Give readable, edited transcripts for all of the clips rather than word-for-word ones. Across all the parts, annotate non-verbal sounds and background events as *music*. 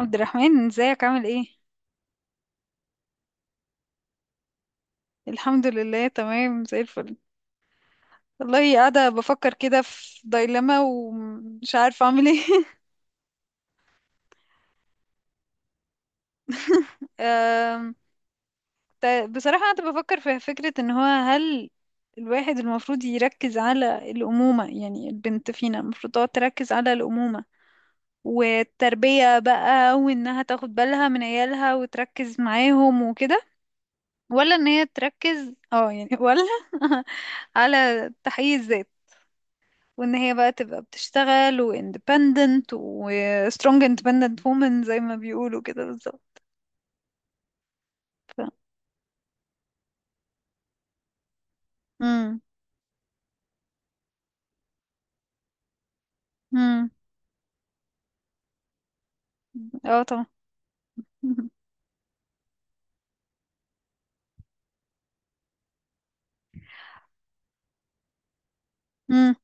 عبد الرحمن، ازيك؟ عامل ايه؟ الحمد لله، تمام زي الفل. والله، قاعدة بفكر كده في دايلما ومش عارفة اعمل ايه. *laughs* أم، بصراحة، قاعدة بفكر في فكرة ان هو، هل الواحد المفروض يركز على الأمومة؟ يعني البنت فينا المفروض تقعد تركز على الأمومة والتربية بقى، وانها تاخد بالها من عيالها وتركز معاهم وكده. ولا ان هي تركز، ولا، *laughs* على تحقيق الذات؟ وان هي بقى تبقى بتشتغل و independent و strong independent woman زي ما بيقولوا كده بالظبط. ف- مم. مم. اه طبعا. *laughs* مم.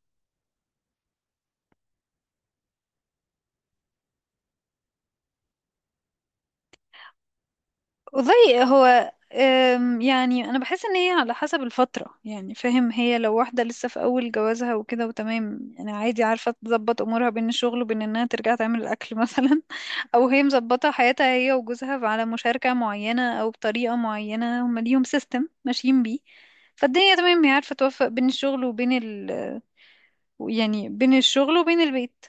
والله، هو يعني انا بحس ان هي على حسب الفتره، يعني فاهم، هي لو واحده لسه في اول جوازها وكده وتمام، يعني عادي، عارفه تظبط امورها بين الشغل وبين انها ترجع تعمل الاكل *laughs* مثلا. او هي مظبطه حياتها هي وجوزها على مشاركه معينه او بطريقه معينه، هم ليهم سيستم ماشيين بيه، فالدنيا تمام. هي عارفه توفق بين الشغل وبين يعني بين الشغل وبين البيت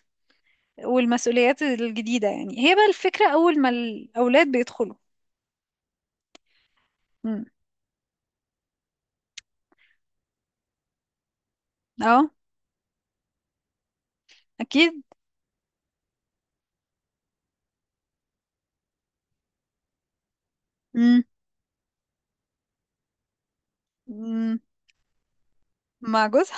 والمسؤوليات الجديده. يعني هي بقى الفكره اول ما الاولاد بيدخلوا. مم. اه. اكيد. مم. مم. مع جوزها.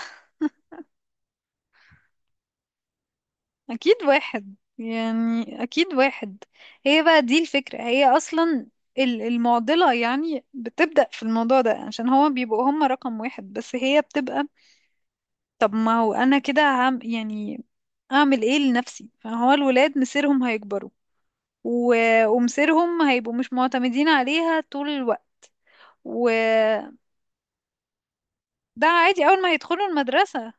اكيد واحد، يعني اكيد واحد. هي بقى دي الفكرة، هي اصلا المعضلة يعني بتبدأ في الموضوع ده، عشان هو بيبقوا هم رقم واحد، بس هي بتبقى، طب ما هو انا كده عم يعني اعمل ايه لنفسي؟ فهو الولاد مصيرهم هيكبروا، و... ومصيرهم هيبقوا مش معتمدين عليها طول الوقت. وده عادي. أول ما يدخلوا المدرسة،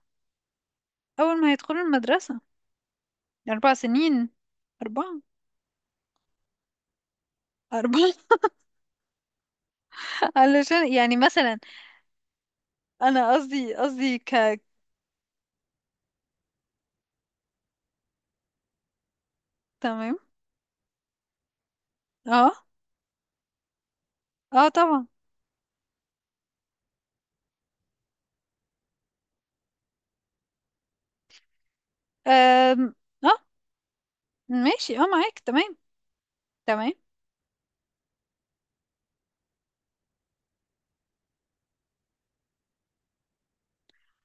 أول ما يدخلوا المدرسة. 4 سنين. أربعة. أربعة. علشان يعني مثلا انا قصدي تمام. اه. اه طبعا. آم، اه ماشي. اه، معاك. تمام. تمام.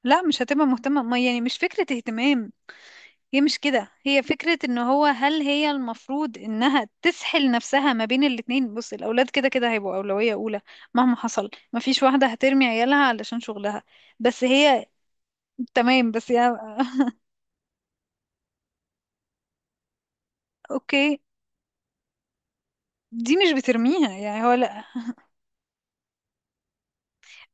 لا، مش هتبقى مهتمة، ما يعني مش فكرة اهتمام، هي مش كده. هي فكرة ان هو، هل هي المفروض انها تسحل نفسها ما بين الاتنين؟ بص، الاولاد كده كده هيبقوا اولوية اولى مهما حصل. ما فيش واحدة هترمي عيالها علشان شغلها، بس هي تمام. بس هي *laughs* اوكي. دي مش بترميها، يعني هو لا،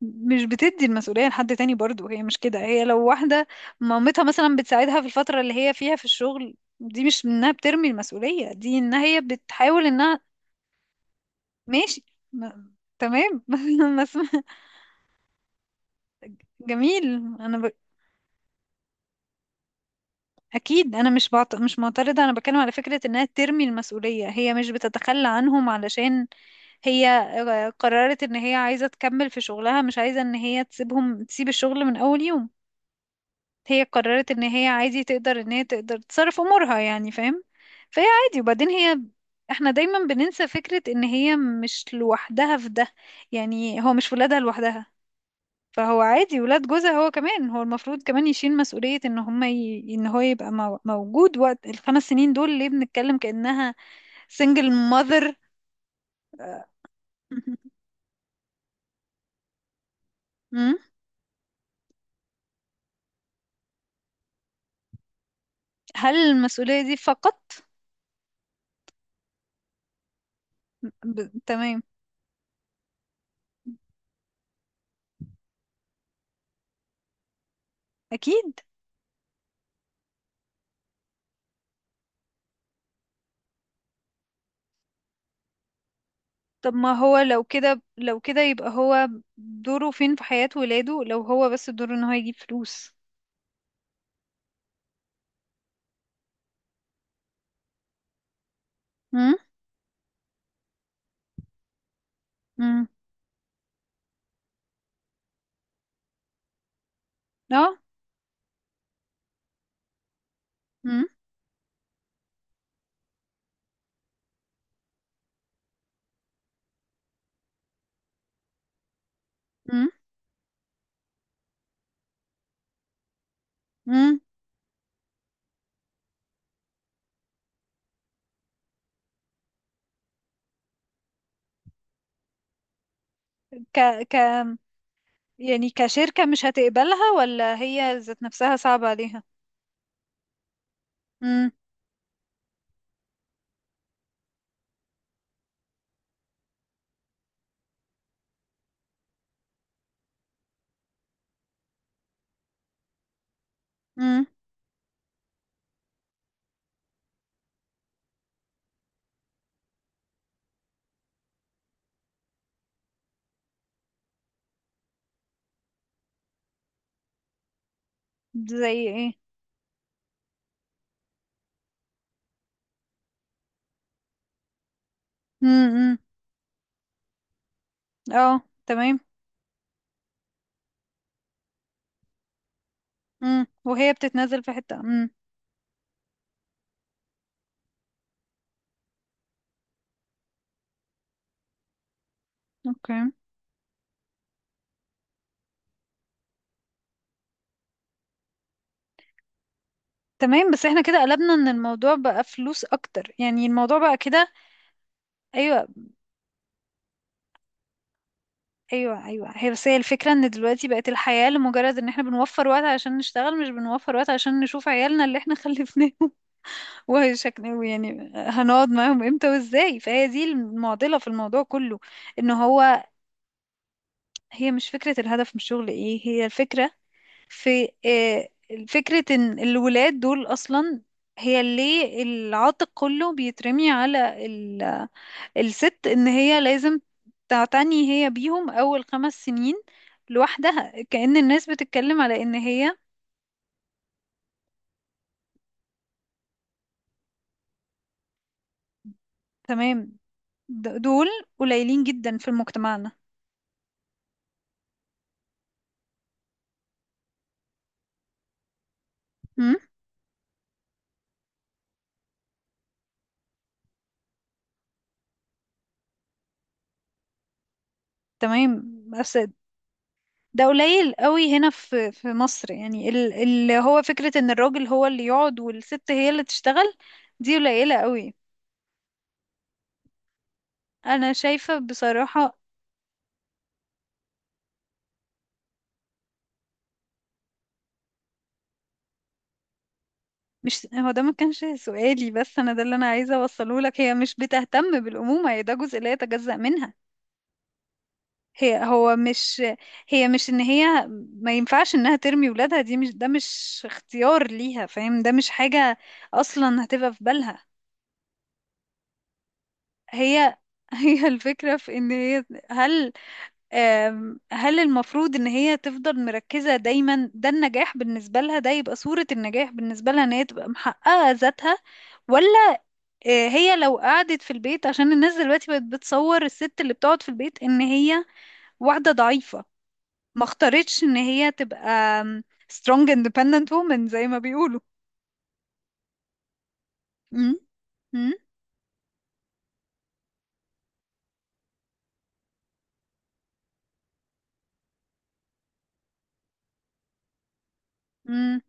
مش بتدي المسؤولية لحد تاني برضو. هي مش كده. هي لو واحدة مامتها مثلا بتساعدها في الفترة اللي هي فيها في الشغل، دي مش انها بترمي المسؤولية، دي انها هي بتحاول انها ماشي. ما... تمام. *laughs* بس جميل. انا ب... اكيد انا مش معترضة. انا بتكلم على فكرة انها ترمي المسؤولية، هي مش بتتخلى عنهم، علشان هي قررت ان هي عايزة تكمل في شغلها، مش عايزة ان هي تسيبهم، تسيب الشغل من اول يوم. هي قررت ان هي عادي، تقدر ان هي تقدر تصرف امورها، يعني فاهم؟ فهي عادي. وبعدين احنا دايما بننسى فكرة ان هي مش لوحدها في ده. يعني هو مش ولادها لوحدها، فهو عادي، ولاد جوزها. هو كمان هو المفروض كمان يشيل مسؤولية ان هما ان هو يبقى موجود وقت الخمس سنين دول. ليه بنتكلم كأنها single mother؟ *laughs* مم. هل المسؤولية دي فقط؟ تمام. اكيد. طب ما هو لو كده، لو كده يبقى هو دوره فين في حياة ولاده لو هو بس دوره ان هو يجيب فلوس؟ امم. امم. اه. امم. امم. امم. ك ك يعني كشركة مش هتقبلها ولا هي ذات نفسها صعبة عليها؟ امم. امم. زي ايه؟ امم. امم. اه، تمام. امم، وهي بتتنازل في حتة. امم. اوكي. تمام، بس احنا كده قلبنا ان الموضوع بقى فلوس اكتر، يعني الموضوع بقى كده. ايوه. ايوه. ايوه، هي، بس هي الفكره ان دلوقتي بقت الحياه لمجرد ان احنا بنوفر وقت عشان نشتغل، مش بنوفر وقت عشان نشوف عيالنا اللي احنا خلفناهم. *laughs* وشكل يعني هنقعد معاهم امتى وازاي؟ فهي دي المعضله في الموضوع كله. ان هو هي مش فكره الهدف من الشغل ايه، هي الفكره في فكرة ان الولاد دول اصلا، هي ليه العاتق كله بيترمي على الست، ان هي لازم تعتني هي بيهم اول 5 سنين لوحدها؟ كأن الناس بتتكلم على ان هي تمام. دول قليلين جدا في مجتمعنا. مم؟ تمام. بس ده قليل قوي هنا في مصر. يعني اللي هو فكرة ان الراجل هو اللي يقعد والست هي اللي تشتغل، دي قليلة قوي. انا شايفة بصراحة، مش هو ده، ما كانش سؤالي. بس انا ده اللي انا عايزة اوصله لك، هي مش بتهتم بالأمومة، هي ده جزء لا يتجزأ منها. هي هو مش هي مش ان هي ما ينفعش انها ترمي ولادها. دي مش ده مش اختيار ليها، فاهم؟ ده مش حاجة اصلا هتبقى في بالها. هي *laughs* هي الفكرة في ان هي، هل هل المفروض ان هي تفضل مركزة دايما؟ ده النجاح بالنسبة لها، ده يبقى صورة النجاح بالنسبة لها، ان هي تبقى محققة ذاتها؟ ولا هي لو قعدت في البيت، عشان الناس دلوقتي بقت بتصور الست اللي بتقعد في البيت ان هي واحدة ضعيفة، ما اختارتش ان هي تبقى آم، strong independent woman زي ما بيقولوا. امم. امم. امم.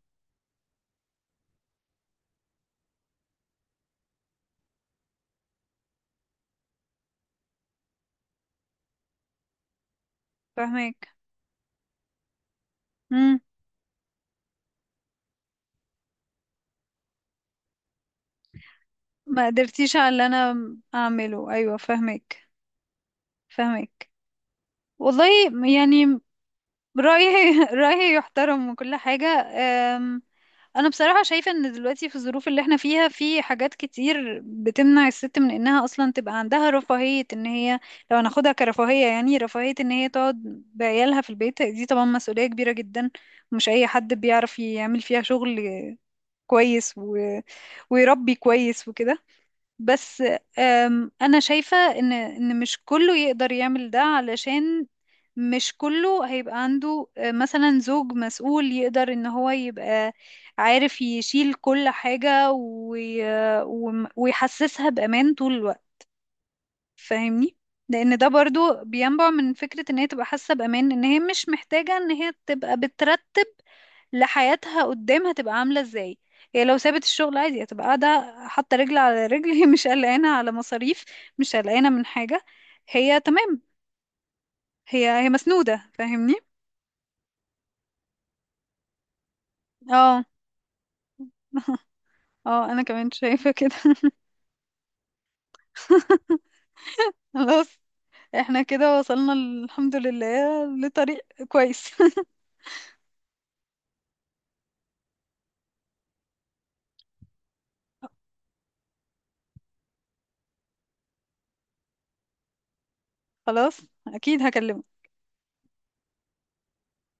فاهمك. امم. ما قدرتيش على اللي انا اعمله، ايوه، فاهمك. فاهمك، والله. يعني رأيي *laughs* رأيي يحترم وكل حاجة. انا بصراحة شايفة ان دلوقتي في الظروف اللي احنا فيها في حاجات كتير بتمنع الست من انها اصلا تبقى عندها رفاهية ان هي، لو هناخدها كرفاهية، يعني رفاهية ان هي تقعد بعيالها في البيت. دي طبعا مسؤولية كبيرة جدا، ومش اي حد بيعرف يعمل فيها شغل كويس ويربي كويس وكده. بس انا شايفة ان مش كله يقدر يعمل ده، علشان مش كله هيبقى عنده مثلا زوج مسؤول يقدر ان هو يبقى عارف يشيل كل حاجة ويحسسها بأمان طول الوقت، فاهمني؟ لان ده برضو بينبع من فكرة ان هي تبقى حاسة بأمان، ان هي مش محتاجة ان هي تبقى بترتب لحياتها قدام هتبقى عاملة ازاي. هي لو سابت الشغل عادي، هتبقى قاعدة حاطة رجل على رجل. *laughs* هي مش قلقانة على مصاريف، مش قلقانة من حاجة، هي تمام. هي مسنودة، فاهمني؟ اه. اه، انا كمان شايفة كده. *laughs* خلاص، احنا كده وصلنا الحمد لله لطريق كويس. *laughs* خلاص، اكيد هكلمك.